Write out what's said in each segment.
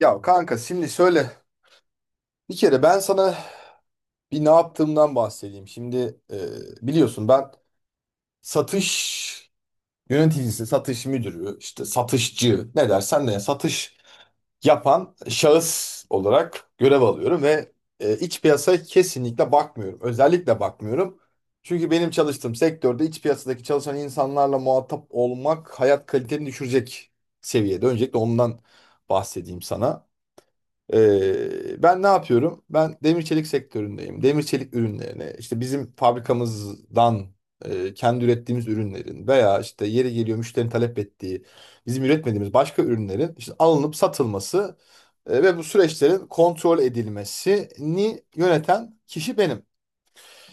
Ya kanka şimdi şöyle bir kere ben sana ne yaptığımdan bahsedeyim. Şimdi biliyorsun ben satış yöneticisi, satış müdürü, işte satışçı ne dersen de satış yapan şahıs olarak görev alıyorum ve iç piyasaya kesinlikle bakmıyorum. Özellikle bakmıyorum. Çünkü benim çalıştığım sektörde iç piyasadaki çalışan insanlarla muhatap olmak hayat kaliteni düşürecek seviyede. Öncelikle ondan bahsedeyim sana. Ben ne yapıyorum? Ben demir çelik sektöründeyim. Demir çelik ürünlerine işte bizim fabrikamızdan kendi ürettiğimiz ürünlerin veya işte yeri geliyor müşterinin talep ettiği bizim üretmediğimiz başka ürünlerin işte alınıp satılması ve bu süreçlerin kontrol edilmesini yöneten kişi benim.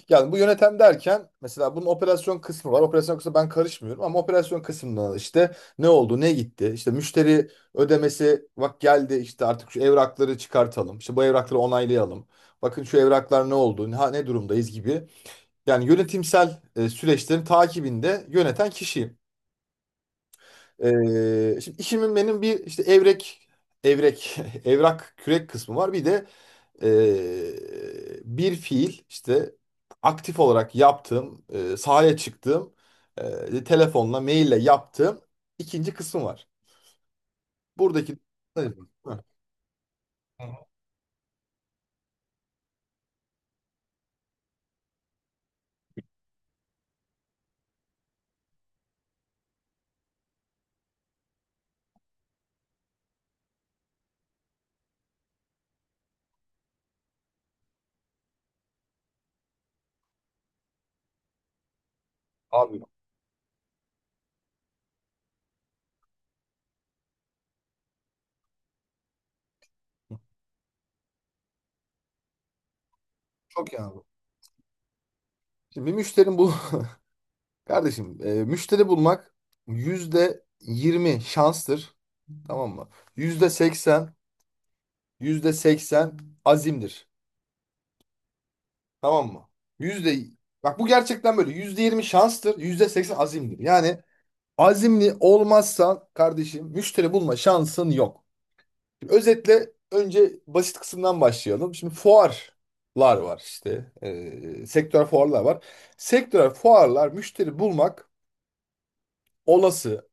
Yani bu yönetem derken mesela bunun operasyon kısmı var. Operasyon kısmı ben karışmıyorum ama operasyon kısmında işte ne oldu, ne gitti? İşte müşteri ödemesi bak geldi, işte artık şu evrakları çıkartalım. İşte bu evrakları onaylayalım. Bakın şu evraklar ne oldu, ne, ne durumdayız gibi. Yani yönetimsel süreçlerin takibinde yöneten kişiyim. E, Şimdi işimin benim bir işte evrek, evrak kürek kısmı var. Bir de bir fiil işte aktif olarak yaptığım, sahaya çıktığım, telefonla, maille yaptığım ikinci kısım var. Buradaki heh. Hı hı. Abi çok iyi abi. Şimdi müşterim bul kardeşim müşteri bulmak %20 şanstır. Tamam mı? %80, %80 azimdir. Tamam mı? Yüzde Bak bu gerçekten böyle. %20 şanstır, %80 azimdir. Yani azimli olmazsan kardeşim müşteri bulma şansın yok. Şimdi özetle önce basit kısımdan başlayalım. Şimdi fuarlar var işte. Sektör fuarlar var. Sektör fuarlar müşteri bulmak olası.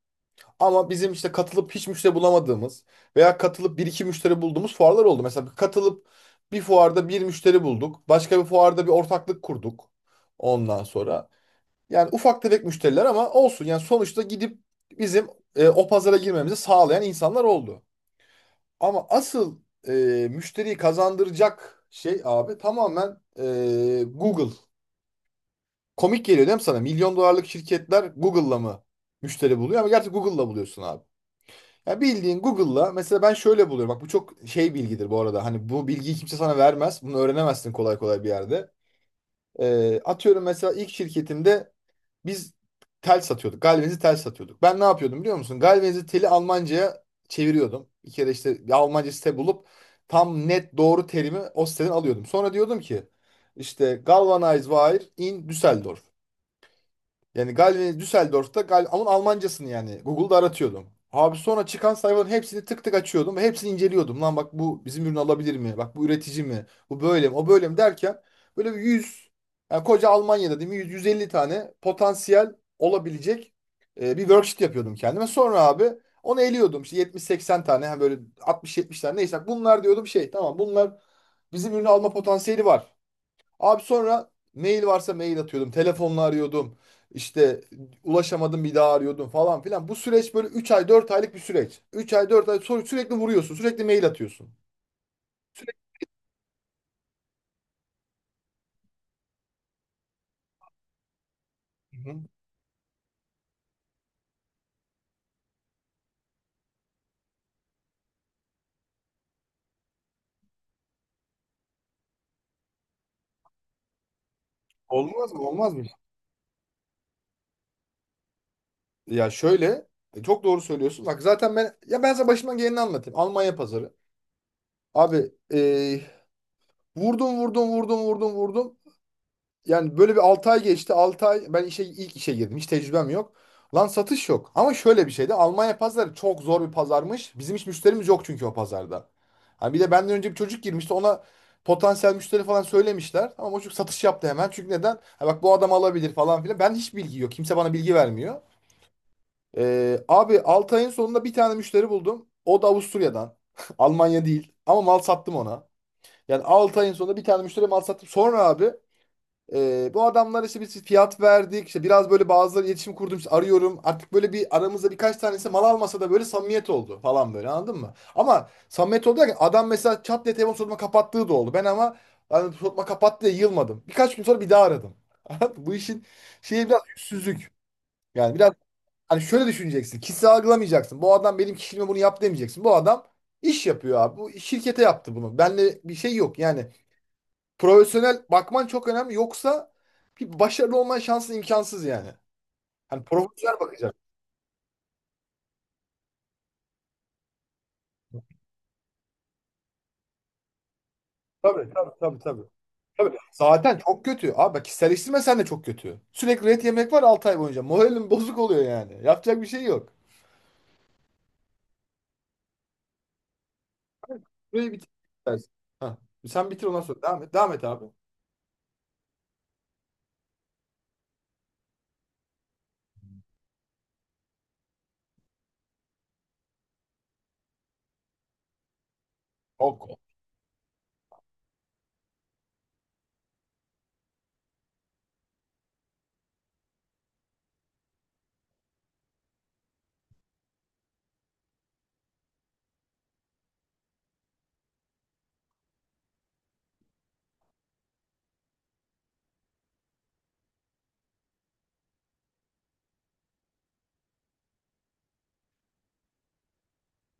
Ama bizim işte katılıp hiç müşteri bulamadığımız veya katılıp bir iki müşteri bulduğumuz fuarlar oldu. Mesela katılıp bir fuarda bir müşteri bulduk. Başka bir fuarda bir ortaklık kurduk. Ondan sonra. Yani ufak tefek müşteriler ama olsun. Yani sonuçta gidip bizim o pazara girmemizi sağlayan insanlar oldu. Ama asıl e, müşteriyi kazandıracak şey abi tamamen Google. Komik geliyor değil mi sana? Milyon dolarlık şirketler Google'la mı müşteri buluyor? Ama gerçi Google'la buluyorsun abi. Ya bildiğin Google'la mesela ben şöyle buluyorum. Bak bu çok şey bilgidir bu arada. Hani bu bilgiyi kimse sana vermez. Bunu öğrenemezsin kolay kolay bir yerde. Atıyorum mesela ilk şirketimde biz tel satıyorduk. Galvanize tel satıyorduk. Ben ne yapıyordum biliyor musun? Galvanize teli Almanca'ya çeviriyordum. Bir kere işte bir Almanca site bulup tam net doğru terimi o siteden alıyordum. Sonra diyordum ki işte galvanize wire in Düsseldorf. Yani Galvin'i Düsseldorf'ta Gal onun Almancasını yani Google'da aratıyordum. Abi sonra çıkan sayfaların hepsini tık tık açıyordum ve hepsini inceliyordum. Lan bak bu bizim ürünü alabilir mi? Bak bu üretici mi? Bu böyle mi? O böyle mi derken böyle bir 100, yani koca Almanya'da değil mi? 100, 150 tane potansiyel olabilecek, bir worksheet yapıyordum kendime. Sonra abi onu eliyordum. İşte 70-80 tane ha böyle 60-70 tane neyse bunlar diyordum, şey tamam bunlar bizim ürünü alma potansiyeli var. Abi sonra mail varsa mail atıyordum. Telefonla arıyordum. İşte ulaşamadım bir daha arıyordum falan filan. Bu süreç böyle 3-4 aylık bir süreç. 3 ay 4 ay sonra sürekli vuruyorsun. Sürekli mail atıyorsun. Hı hı. Olmaz mı? Olmaz mı? Ya şöyle çok doğru söylüyorsun. Bak zaten ben sana başıma geleni anlatayım. Almanya pazarı. Abi vurdum vurdum vurdum vurdum vurdum. Yani böyle bir 6 ay geçti. 6 ay ben ilk işe girdim. Hiç tecrübem yok. Lan satış yok. Ama şöyle bir şeydi. Almanya pazarı çok zor bir pazarmış. Bizim hiç müşterimiz yok çünkü o pazarda. Hani bir de benden önce bir çocuk girmişti. Ona potansiyel müşteri falan söylemişler. Ama o çocuk satış yaptı hemen. Çünkü neden? Ha bak bu adam alabilir falan filan. Ben hiç bilgi yok. Kimse bana bilgi vermiyor. Abi 6 ayın sonunda bir tane müşteri buldum. O da Avusturya'dan. Almanya değil. Ama mal sattım ona. Yani 6 ayın sonunda bir tane müşteri mal sattım. Sonra abi bu adamlar işte biz fiyat verdik. İşte biraz böyle bazıları iletişim kurdum, işte arıyorum. Artık böyle bir aramızda birkaç tanesi mal almasa da böyle samimiyet oldu falan, böyle anladın mı? Ama samimiyet oldu derken adam mesela çat diye telefon soruma kapattığı da oldu. Ben ama hani soruma kapattı diye yılmadım. Birkaç gün sonra bir daha aradım. Anladın mı? Bu işin şeyi biraz yüzsüzlük. Yani biraz, hani şöyle düşüneceksin. Kişisel algılamayacaksın. Bu adam benim kişiliğime bunu yap demeyeceksin. Bu adam iş yapıyor abi. Bu şirkete yaptı bunu. Benle bir şey yok yani. Profesyonel bakman çok önemli. Yoksa bir başarılı olman şansın imkansız yani. Hani profesyonel bakacak. Tabii tabii tabii tabii. Tabii. Zaten çok kötü. Abi bak kişiselleştirme sen de çok kötü. Sürekli ret yemek var 6 ay boyunca. Moralim bozuk oluyor yani. Yapacak bir şey yok. Burayı bitir istersen. Hah. Sen bitir ondan sonra. Devam et. Devam et abi. Ok.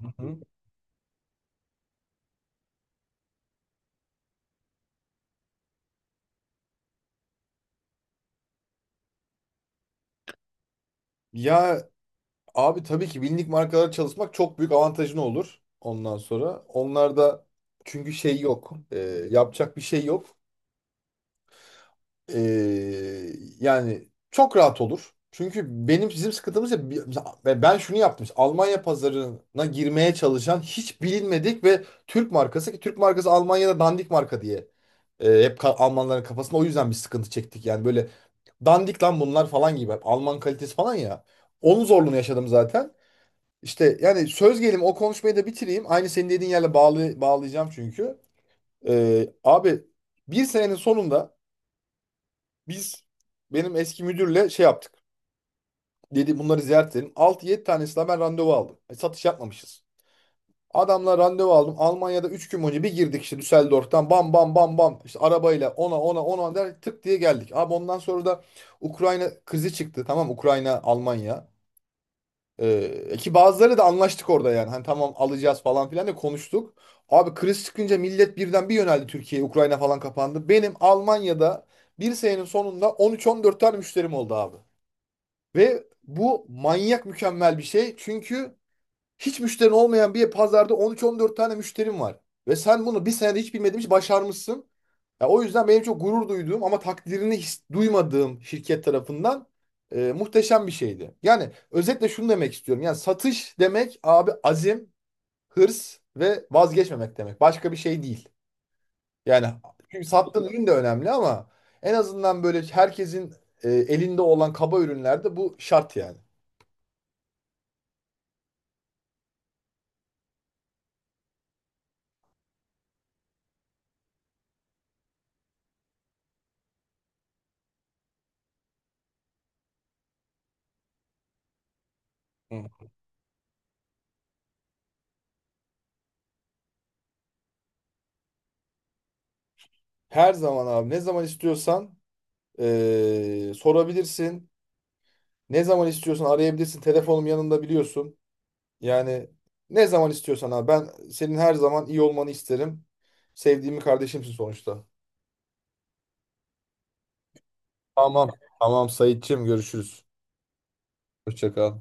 Hı hı. Ya abi tabii ki bilindik markalara çalışmak çok büyük avantajın olur ondan sonra. Onlarda çünkü şey yok. Yapacak bir şey yok. Ee, Yani çok rahat olur. Çünkü bizim sıkıntımız ya mesela ben şunu yaptım. İşte Almanya pazarına girmeye çalışan hiç bilinmedik ve Türk markası, ki Türk markası Almanya'da dandik marka diye hep Almanların kafasında, o yüzden bir sıkıntı çektik. Yani böyle dandik lan bunlar falan gibi. Hep Alman kalitesi falan ya. Onun zorluğunu yaşadım zaten. İşte yani söz gelimi o konuşmayı da bitireyim. Aynı senin dediğin yerle bağlayacağım çünkü. Abi bir senenin sonunda biz benim eski müdürle şey yaptık. Dedi bunları ziyaret edelim. 6 yedi tanesine ben randevu aldım. Satış yapmamışız. Adamla randevu aldım. Almanya'da 3 gün önce bir girdik işte Düsseldorf'tan bam bam bam bam. İşte arabayla ona ona ona der, tık diye geldik. Abi ondan sonra da Ukrayna krizi çıktı. Tamam, Ukrayna Almanya. Ee, ki bazıları da anlaştık orada yani. Hani tamam alacağız falan filan da konuştuk. Abi kriz çıkınca millet birden bir yöneldi Türkiye'ye. Ukrayna falan kapandı. Benim Almanya'da bir senenin sonunda 13-14 tane müşterim oldu abi. Ve bu manyak mükemmel bir şey. Çünkü hiç müşterin olmayan bir pazarda 13-14 tane müşterim var. Ve sen bunu bir senede hiç bilmediğin için başarmışsın. Ya o yüzden benim çok gurur duyduğum ama takdirini hiç duymadığım şirket tarafından muhteşem bir şeydi. Yani özetle şunu demek istiyorum. Yani satış demek abi azim, hırs ve vazgeçmemek demek. Başka bir şey değil. Yani çünkü sattığın ürün de önemli ama en azından böyle herkesin elinde olan kaba ürünlerde bu şart yani. Hı. Her zaman abi ne zaman istiyorsan sorabilirsin. Ne zaman istiyorsan arayabilirsin. Telefonum yanında biliyorsun. Yani ne zaman istiyorsan abi. Ben senin her zaman iyi olmanı isterim. Sevdiğimi kardeşimsin sonuçta. Tamam. Tamam Saitçiğim, görüşürüz. Hoşça kal.